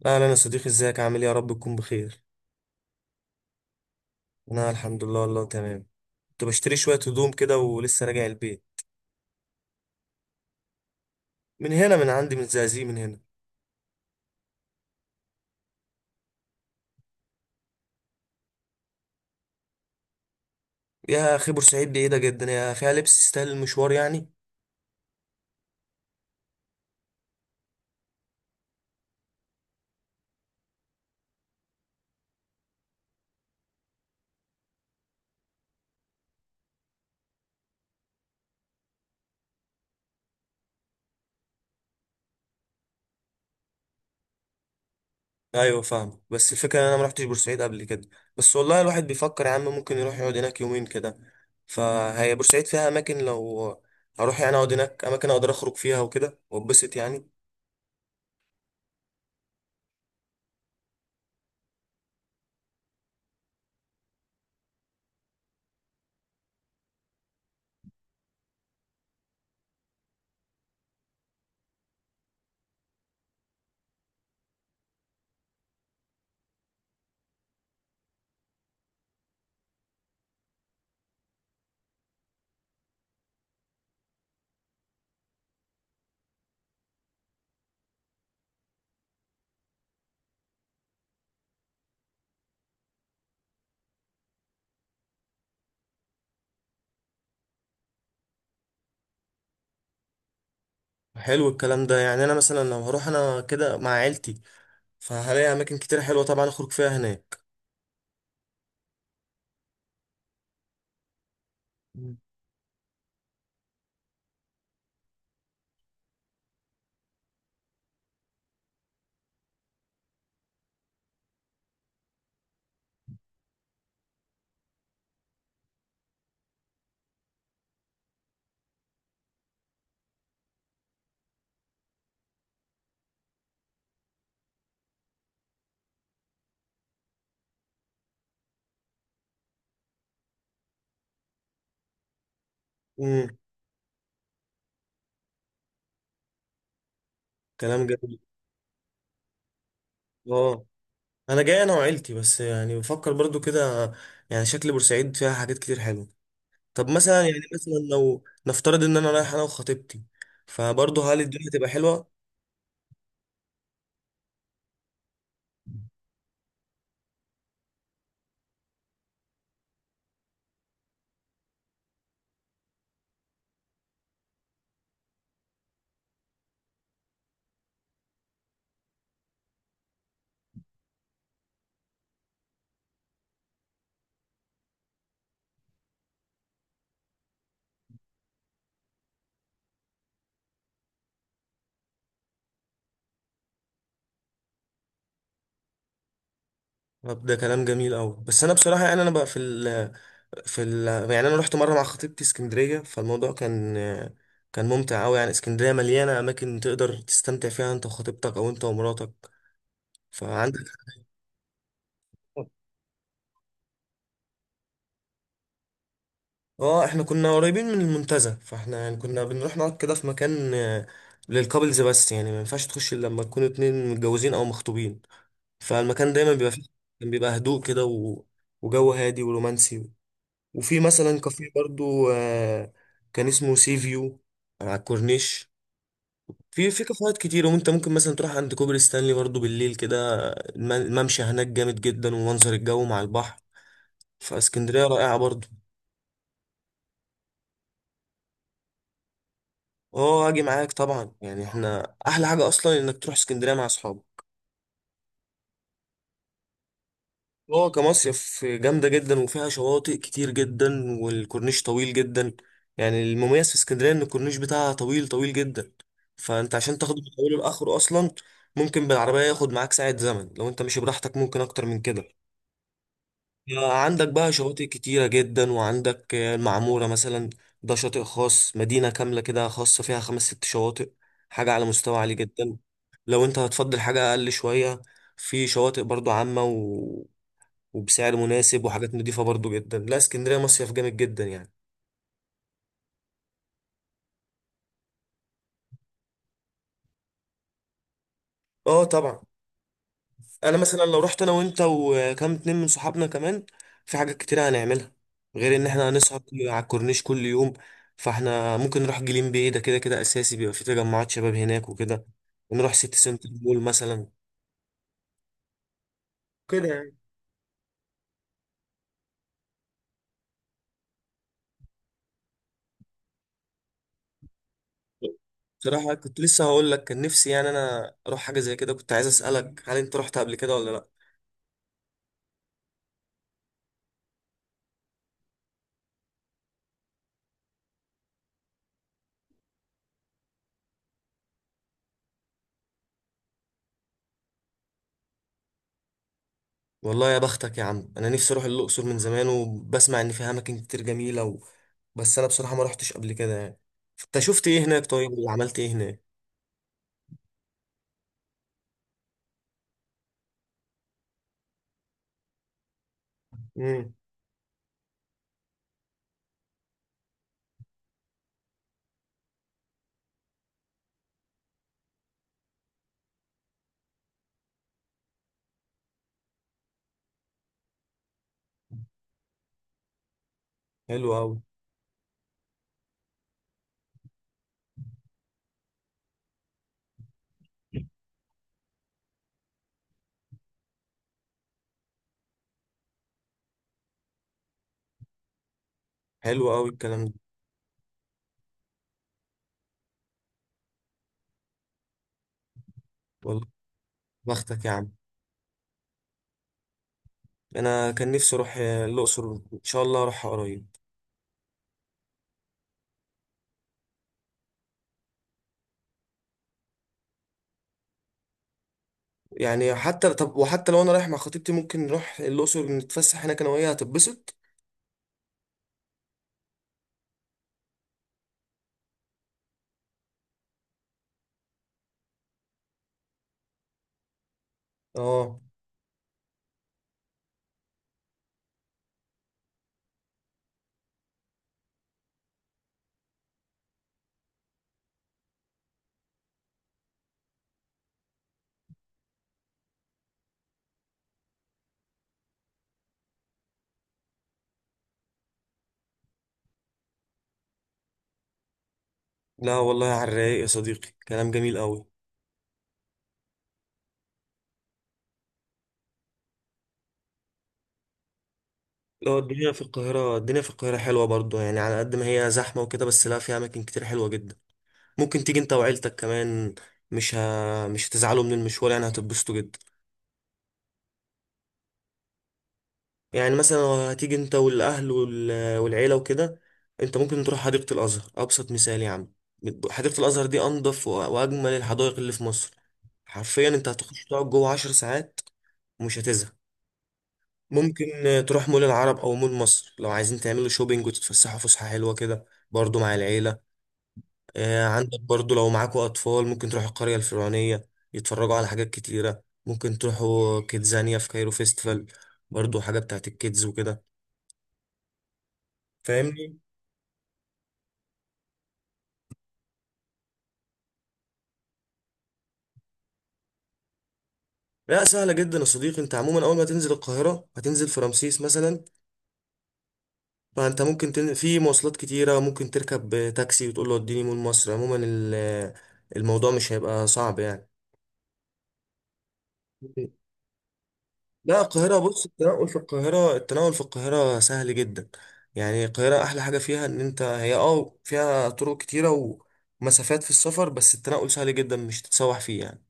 لا، لا، انا صديقي، ازيك؟ عامل ايه؟ يا رب تكون بخير. انا الحمد لله، والله تمام. كنت بشتري شويه هدوم كده ولسه راجع البيت. من هنا، من عندي، من الزقازيق، من هنا. يا اخي بورسعيد بعيده جدا، يا فيها لبس يستاهل المشوار يعني؟ ايوه فاهم، بس الفكره ان انا ما رحتش بورسعيد قبل كده. بس والله الواحد بيفكر يا عم ممكن يروح يقعد هناك يومين كده. فهي بورسعيد فيها اماكن، لو هروح يعني اقعد هناك اماكن اقدر اخرج فيها وكده واتبسط يعني. حلو الكلام ده، يعني انا مثلا لو هروح انا كده مع عيلتي، فهلاقي اماكن كتير حلوه طبعا اخرج فيها هناك. مم. امم. كلام جميل. اه، انا جاي انا وعيلتي، بس يعني بفكر برضو كده، يعني شكل بورسعيد فيها حاجات كتير حلوه. طب مثلا، يعني مثلا لو نفترض ان انا رايح انا وخطيبتي، فبرضه هل الدنيا تبقى حلوه؟ طب ده كلام جميل قوي، بس انا بصراحه يعني انا بقى في ال في ال يعني انا رحت مره مع خطيبتي اسكندريه، فالموضوع كان ممتع قوي يعني. اسكندريه مليانه اماكن تقدر تستمتع فيها انت وخطيبتك او انت ومراتك، فعندك. اه، احنا كنا قريبين من المنتزه، فاحنا يعني كنا بنروح نقعد كده في مكان للكابلز، بس يعني ما ينفعش تخش الا لما تكونوا اتنين متجوزين او مخطوبين، فالمكان دايما بيبقى فيه. كان بيبقى هدوء كده وجو هادي ورومانسي. وفي مثلا كافيه برضو، كان اسمه سي فيو، على الكورنيش. في في كافيهات كتير، وانت ممكن مثلا تروح عند كوبري ستانلي برضو بالليل كده. الممشى هناك جامد جدا، ومنظر الجو مع البحر، فاسكندرية رائعة برضو. اه، هاجي معاك طبعا، يعني احنا احلى حاجه اصلا انك تروح اسكندريه مع اصحابك. اه، كمصيف جامده جدا، وفيها شواطئ كتير جدا، والكورنيش طويل جدا. يعني المميز في اسكندريه ان الكورنيش بتاعها طويل طويل جدا، فانت عشان تاخده من اوله لاخره اصلا ممكن بالعربيه ياخد معاك ساعه زمن، لو انت ماشي براحتك ممكن اكتر من كده. عندك بقى شواطئ كتيرة جدا، وعندك المعمورة مثلا، ده شاطئ خاص، مدينة كاملة كده، خاصة فيها خمس ست شواطئ، حاجة على مستوى عالي جدا. لو انت هتفضل حاجة أقل شوية، في شواطئ برضو عامة وبسعر مناسب، وحاجات نضيفة برضو جدا. لا اسكندرية مصيف جامد جدا يعني. اه طبعا. انا مثلا لو رحت انا وانت وكام اتنين من صحابنا كمان، في حاجات كتير هنعملها، غير ان احنا هنسهر على الكورنيش كل يوم. فاحنا ممكن نروح جليم باي، ده كده كده اساسي بيبقى في تجمعات شباب هناك وكده، ونروح سيتي سنتر مول مثلا، كده يعني. بصراحة كنت لسه هقول لك، كان نفسي يعني انا اروح حاجة زي كده، كنت عايز اسألك هل انت رحت قبل كده ولا لا؟ والله يا بختك يا عم، انا نفسي اروح الاقصر من زمان، وبسمع ان فيها اماكن كتير جميلة بس انا بصراحة ما رحتش قبل كده يعني. انت شفت ايه هناك طيب، وعملت ايه هناك؟ امم. حلو قوي. حلو قوي الكلام ده. والله، بختك يا عم. انا كان نفسي اروح الاقصر، ان شاء الله اروح قريب. يعني حتى، طب وحتى لو انا رايح مع خطيبتي، ممكن نروح الاقصر نتفسح هناك انا وهي هتتبسط. اه. لا والله على الرايق يا صديقي، كلام جميل قوي. لو الدنيا في القاهرة، حلوة برضو يعني، على قد ما هي زحمة وكده بس، لا فيها أماكن كتير حلوة جدا. ممكن تيجي أنت وعيلتك كمان، مش هتزعلوا من المشوار، يعني هتتبسطوا جدا. يعني مثلا لو هتيجي انت والاهل والعيله وكده، انت ممكن تروح حديقه الازهر، ابسط مثال يا عم. حديقه الازهر دي انضف واجمل الحدائق اللي في مصر، حرفيا انت هتخش تقعد جوه 10 ساعات ومش هتزهق. ممكن تروح مول العرب او مول مصر لو عايزين تعملوا شوبينج وتتفسحوا فسحه حلوه كده، برضو مع العيله. عندك برضو لو معاكوا اطفال ممكن تروحوا القريه الفرعونيه يتفرجوا على حاجات كتيره، ممكن تروحوا كيدزانيا في كايرو فيستيفال، برضو حاجه بتاعت الكيدز وكده، فاهمني. لا سهلة جدا يا صديقي، انت عموما اول ما تنزل القاهرة هتنزل في رمسيس مثلا، فانت ممكن في مواصلات كتيرة، ممكن تركب تاكسي وتقول له اديني مول مصر. عموما الموضوع مش هيبقى صعب يعني. لا القاهرة بص، التنقل في القاهرة سهل جدا. يعني القاهرة احلى حاجة فيها ان انت هي فيها طرق كتيرة ومسافات في السفر، بس التنقل سهل جدا مش تتسوح فيه يعني.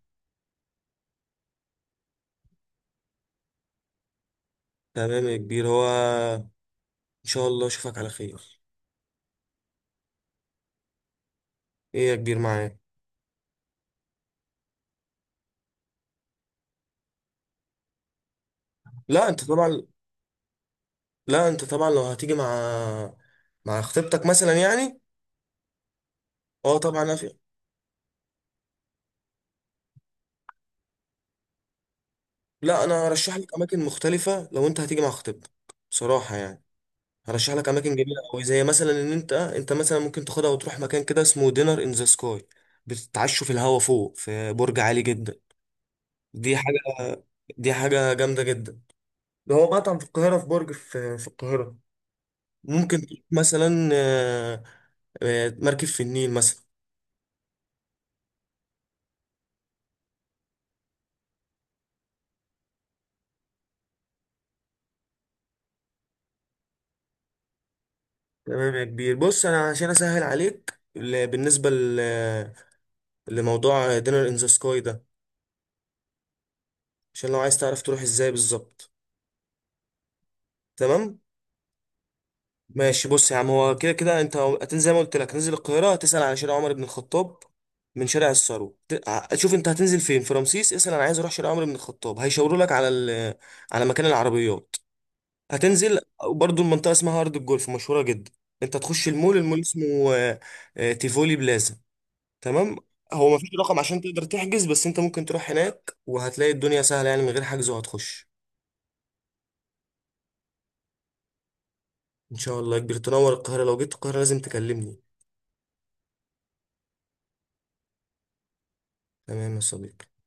تمام يا كبير، هو ان شاء الله اشوفك على خير. ايه يا كبير معاك؟ لا انت طبعا لا انت طبعا لو هتيجي مع خطيبتك مثلا يعني. اه طبعا أفي. لا انا ارشح لك اماكن مختلفه لو انت هتيجي مع خطيبتك، بصراحه يعني. هرشح لك اماكن جميله قوي، زي مثلا ان انت انت مثلا ممكن تاخدها وتروح مكان كده اسمه دينر ان ذا سكاي، بتتعشوا في الهوا فوق في برج عالي جدا. دي حاجه. دي حاجه جامده جدا. ده هو مطعم في القاهره، في برج في القاهره. ممكن تروح مثلا، مركب في النيل مثلا. تمام يا كبير، بص انا عشان اسهل عليك بالنسبه لموضوع دينر ان ذا سكاي ده، عشان لو عايز تعرف تروح ازاي بالظبط. تمام. ماشي بص يا عم، هو كده كده انت هتنزل زي ما قلت لك، هتنزل القاهره، هتسال على شارع عمر بن الخطاب. من شارع الثروه، شوف انت هتنزل فين، في رمسيس اسال انا عايز اروح شارع عمر بن الخطاب، هيشاوروا لك على مكان العربيات، هتنزل. برضو المنطقه اسمها ارض الجولف، مشهوره جدا. انت تخش المول، المول اسمه تيفولي بلازا. تمام. هو مفيش رقم عشان تقدر تحجز، بس انت ممكن تروح هناك وهتلاقي الدنيا سهلة يعني، من غير حجز وهتخش. ان شاء الله يا كبير تنور القاهرة، لو جيت القاهرة لازم تكلمني. تمام يا صديقي.